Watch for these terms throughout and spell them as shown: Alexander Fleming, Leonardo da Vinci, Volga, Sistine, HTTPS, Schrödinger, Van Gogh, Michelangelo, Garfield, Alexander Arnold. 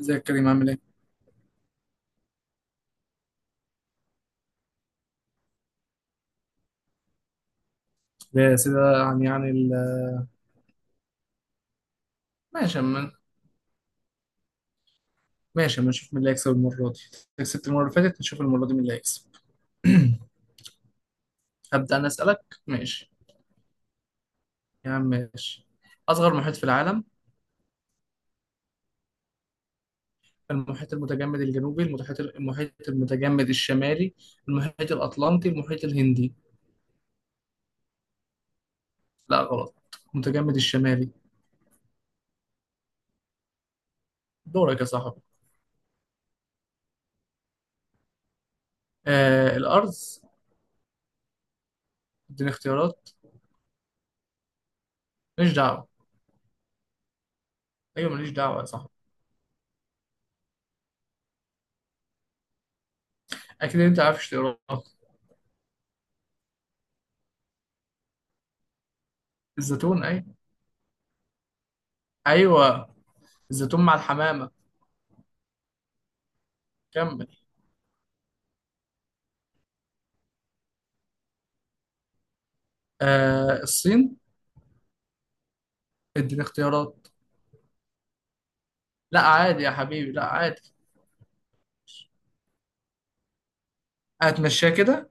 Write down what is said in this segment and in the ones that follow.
ازيك يا كريم، عامل ايه؟ يا سيدي. عن يعني ماشي. اما نشوف مين اللي هيكسب المرة دي. كسبت المرة اللي فاتت، نشوف المرة دي مين اللي هيكسب. هبدأ أنا أسألك. ماشي. يا عم ماشي. أصغر محيط في العالم: المحيط المتجمد الجنوبي، المحيط المتجمد الشمالي، المحيط الأطلنطي، المحيط الهندي. لا غلط، المتجمد الشمالي. دورك يا صاحبي. آه الأرض. اديني اختيارات. ماليش دعوة. أيوة ماليش دعوة يا صاحبي. أكيد أنت عارف اختيارات. الزيتون أيوة. أيوة الزيتون مع الحمامة. كمل. آه الصين. اديني اختيارات. لا عادي يا حبيبي، لا عادي. هتمشيها كده؟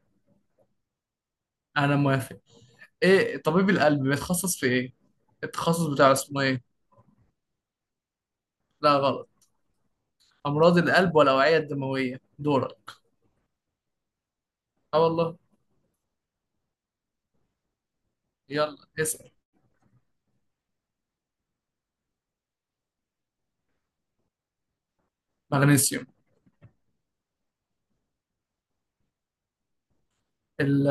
انا موافق. ايه طبيب القلب بيتخصص في ايه؟ التخصص بتاعه اسمه ايه؟ لا غلط، امراض القلب والاوعية الدموية. دورك. اه والله. يلا اسأل. مغنيسيوم. ال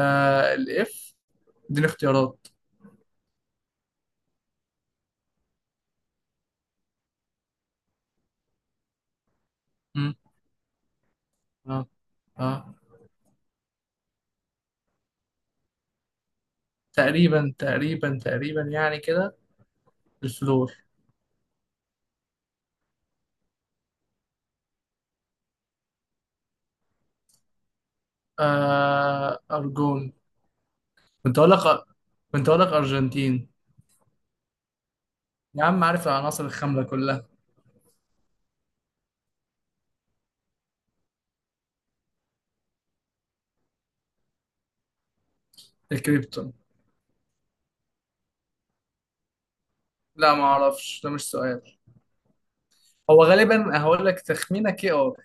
الاف. اديني اختيارات. مم. اه اه. تقريبا تقريبا تقريبا يعني كده. الفلور. آه ارجون. كنت اقول لك كنت اقول لك ارجنتين. يا عم عارف العناصر الخاملة كلها. الكريبتون. لا ما اعرفش، ده مش سؤال. هو غالبا هقول لك تخمينه كي ار.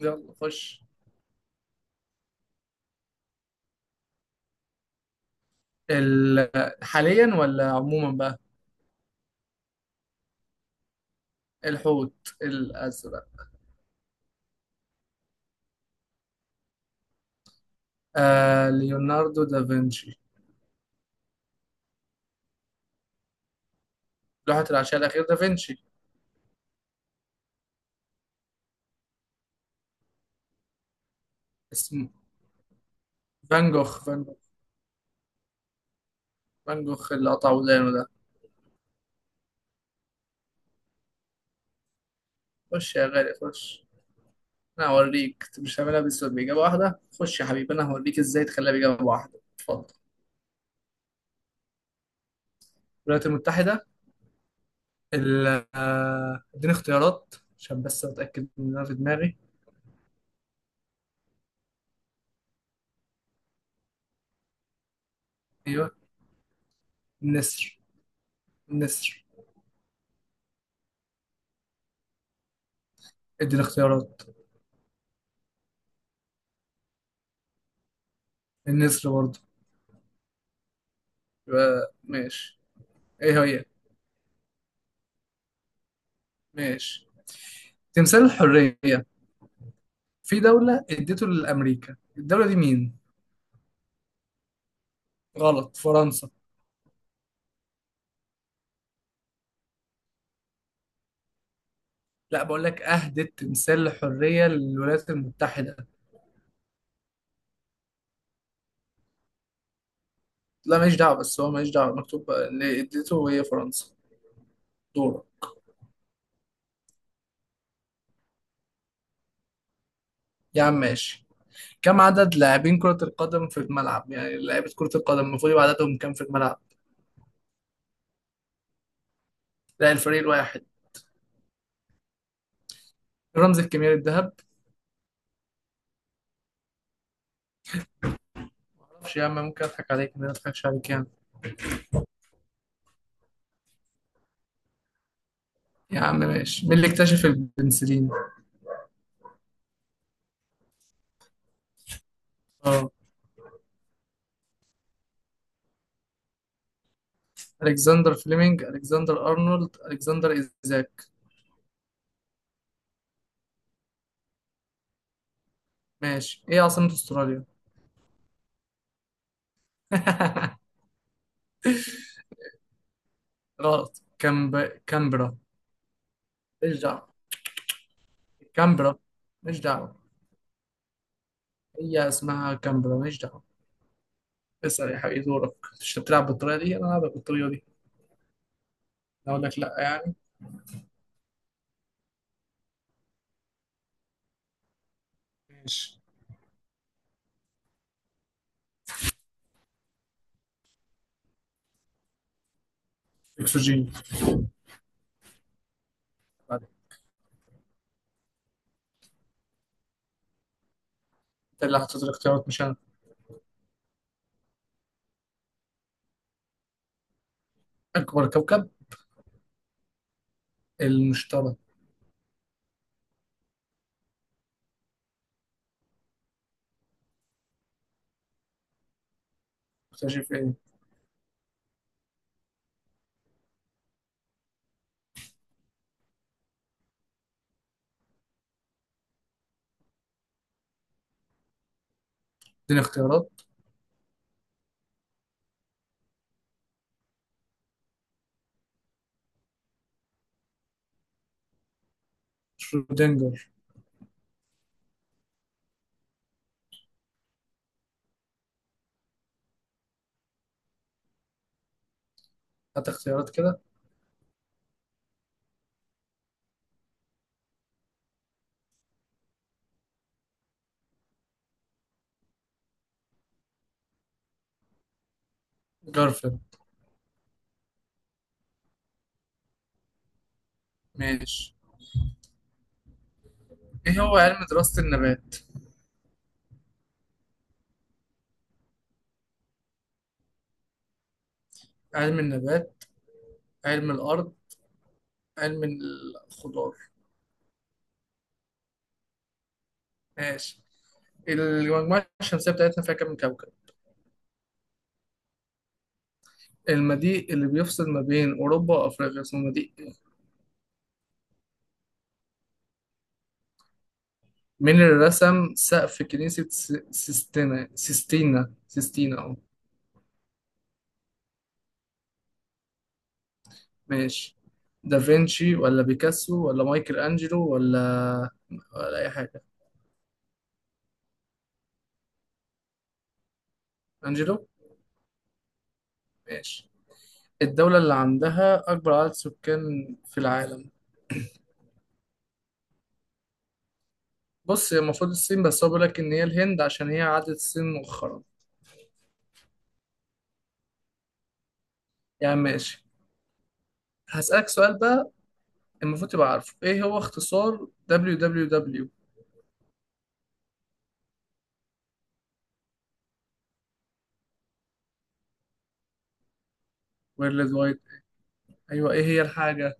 يلا خش. ال... حاليا ولا عموما بقى؟ الحوت الازرق. آه ليوناردو دافنشي. لوحة العشاء الاخير دافنشي. اسمه فان جوخ فان جوخ اللي قطع ودانه ده. خش يا غالي خش. انا هوريك، انت مش هعملها بس باجابه واحده. خش يا حبيبي، انا هوريك ازاي تخليها باجابه واحده. اتفضل. الولايات المتحده. ال- اديني اختيارات عشان بس اتاكد ان انا في دماغي. ايوه. النسر. النسر. اديني اختيارات. النسر برضه. يبقى ماشي. ايه هي. ماشي. تمثال الحريه في دوله اديته لامريكا، الدوله دي مين؟ غلط، فرنسا. لا بقول لك، اهدت تمثال الحريه للولايات المتحده. لا ماليش دعوه، بس هو ماليش دعوه، مكتوب اللي اديته هي فرنسا. دورة. يا عم ماشي. كم عدد لاعبين كرة القدم في الملعب؟ يعني لعيبة كرة القدم المفروض يبقى عددهم كام في الملعب؟ لا الفريق الواحد. الرمز الكيميائي الذهب. معرفش يا عم، ممكن اضحك عليك؟ أنا ما اضحكش عليك يعني. يا عم ماشي. مين اللي اكتشف البنسلين؟ اه. الكسندر فليمنج، الكسندر ارنولد، الكسندر ايزاك. ماشي. ايه عاصمة استراليا؟ غلط. كامبرا. مش دعوة. كامبرا. مش دعوة. هي اسمها كامبرا. مش دعوة. اسأل يا حبيبي، دورك. مش بتلعب بالطريقة دي، انا هلعبك بالطريقة دي. أنا اقول لك لا يعني. ماشي. اكسجين. بعد- انت اللي حطيت الاختيارات مش انا. اكبر كوكب، المشتري. اكتشف ايه؟ اديني اختيارات. شرودنجر. هات اختيارات كده. جارفيلد. ماشي. ايه هو علم دراسة النبات؟ علم النبات، علم الارض، علم الخضار. ماشي. المجموعة الشمسية بتاعتنا فيها كام كوكب؟ المضيق اللي بيفصل ما بين أوروبا وأفريقيا اسمه مضيق إيه؟ مين اللي رسم سقف كنيسة سيستينا سيستينا سيستينا؟ ماشي. دافنشي ولا بيكاسو ولا مايكل أنجلو ولا ولا أي حاجة؟ أنجلو. ماشي. الدولة اللي عندها أكبر عدد سكان في العالم. بص هي المفروض الصين، بس هو بيقول لك إن هي الهند عشان هي عدت الصين مؤخرا. يعني ماشي. هسألك سؤال بقى. المفروض تبقى عارفه إيه هو اختصار www؟ World Wide. أيوه، إيه هي الحاجة.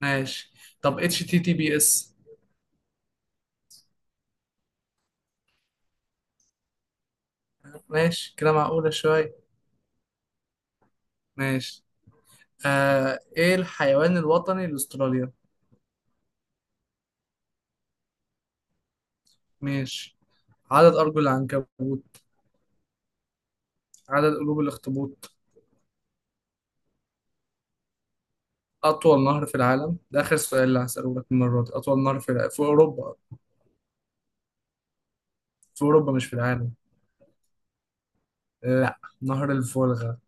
ماشي. طب HTTPS؟ ماشي كده، معقولة شوية. ماشي. آه إيه الحيوان الوطني لأستراليا؟ ماشي. عدد أرجل العنكبوت. عدد قلوب الأخطبوط. أطول نهر في العالم، ده آخر سؤال اللي هسأله لك المرة دي. أطول نهر في في أوروبا. في أوروبا مش في العالم. لا نهر الفولغا،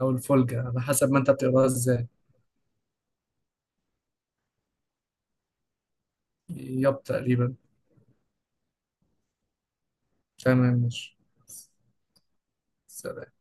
أو الفولجا على حسب ما أنت بتقراها إزاي. ياب تقريبا. تمام ماشي. سلام.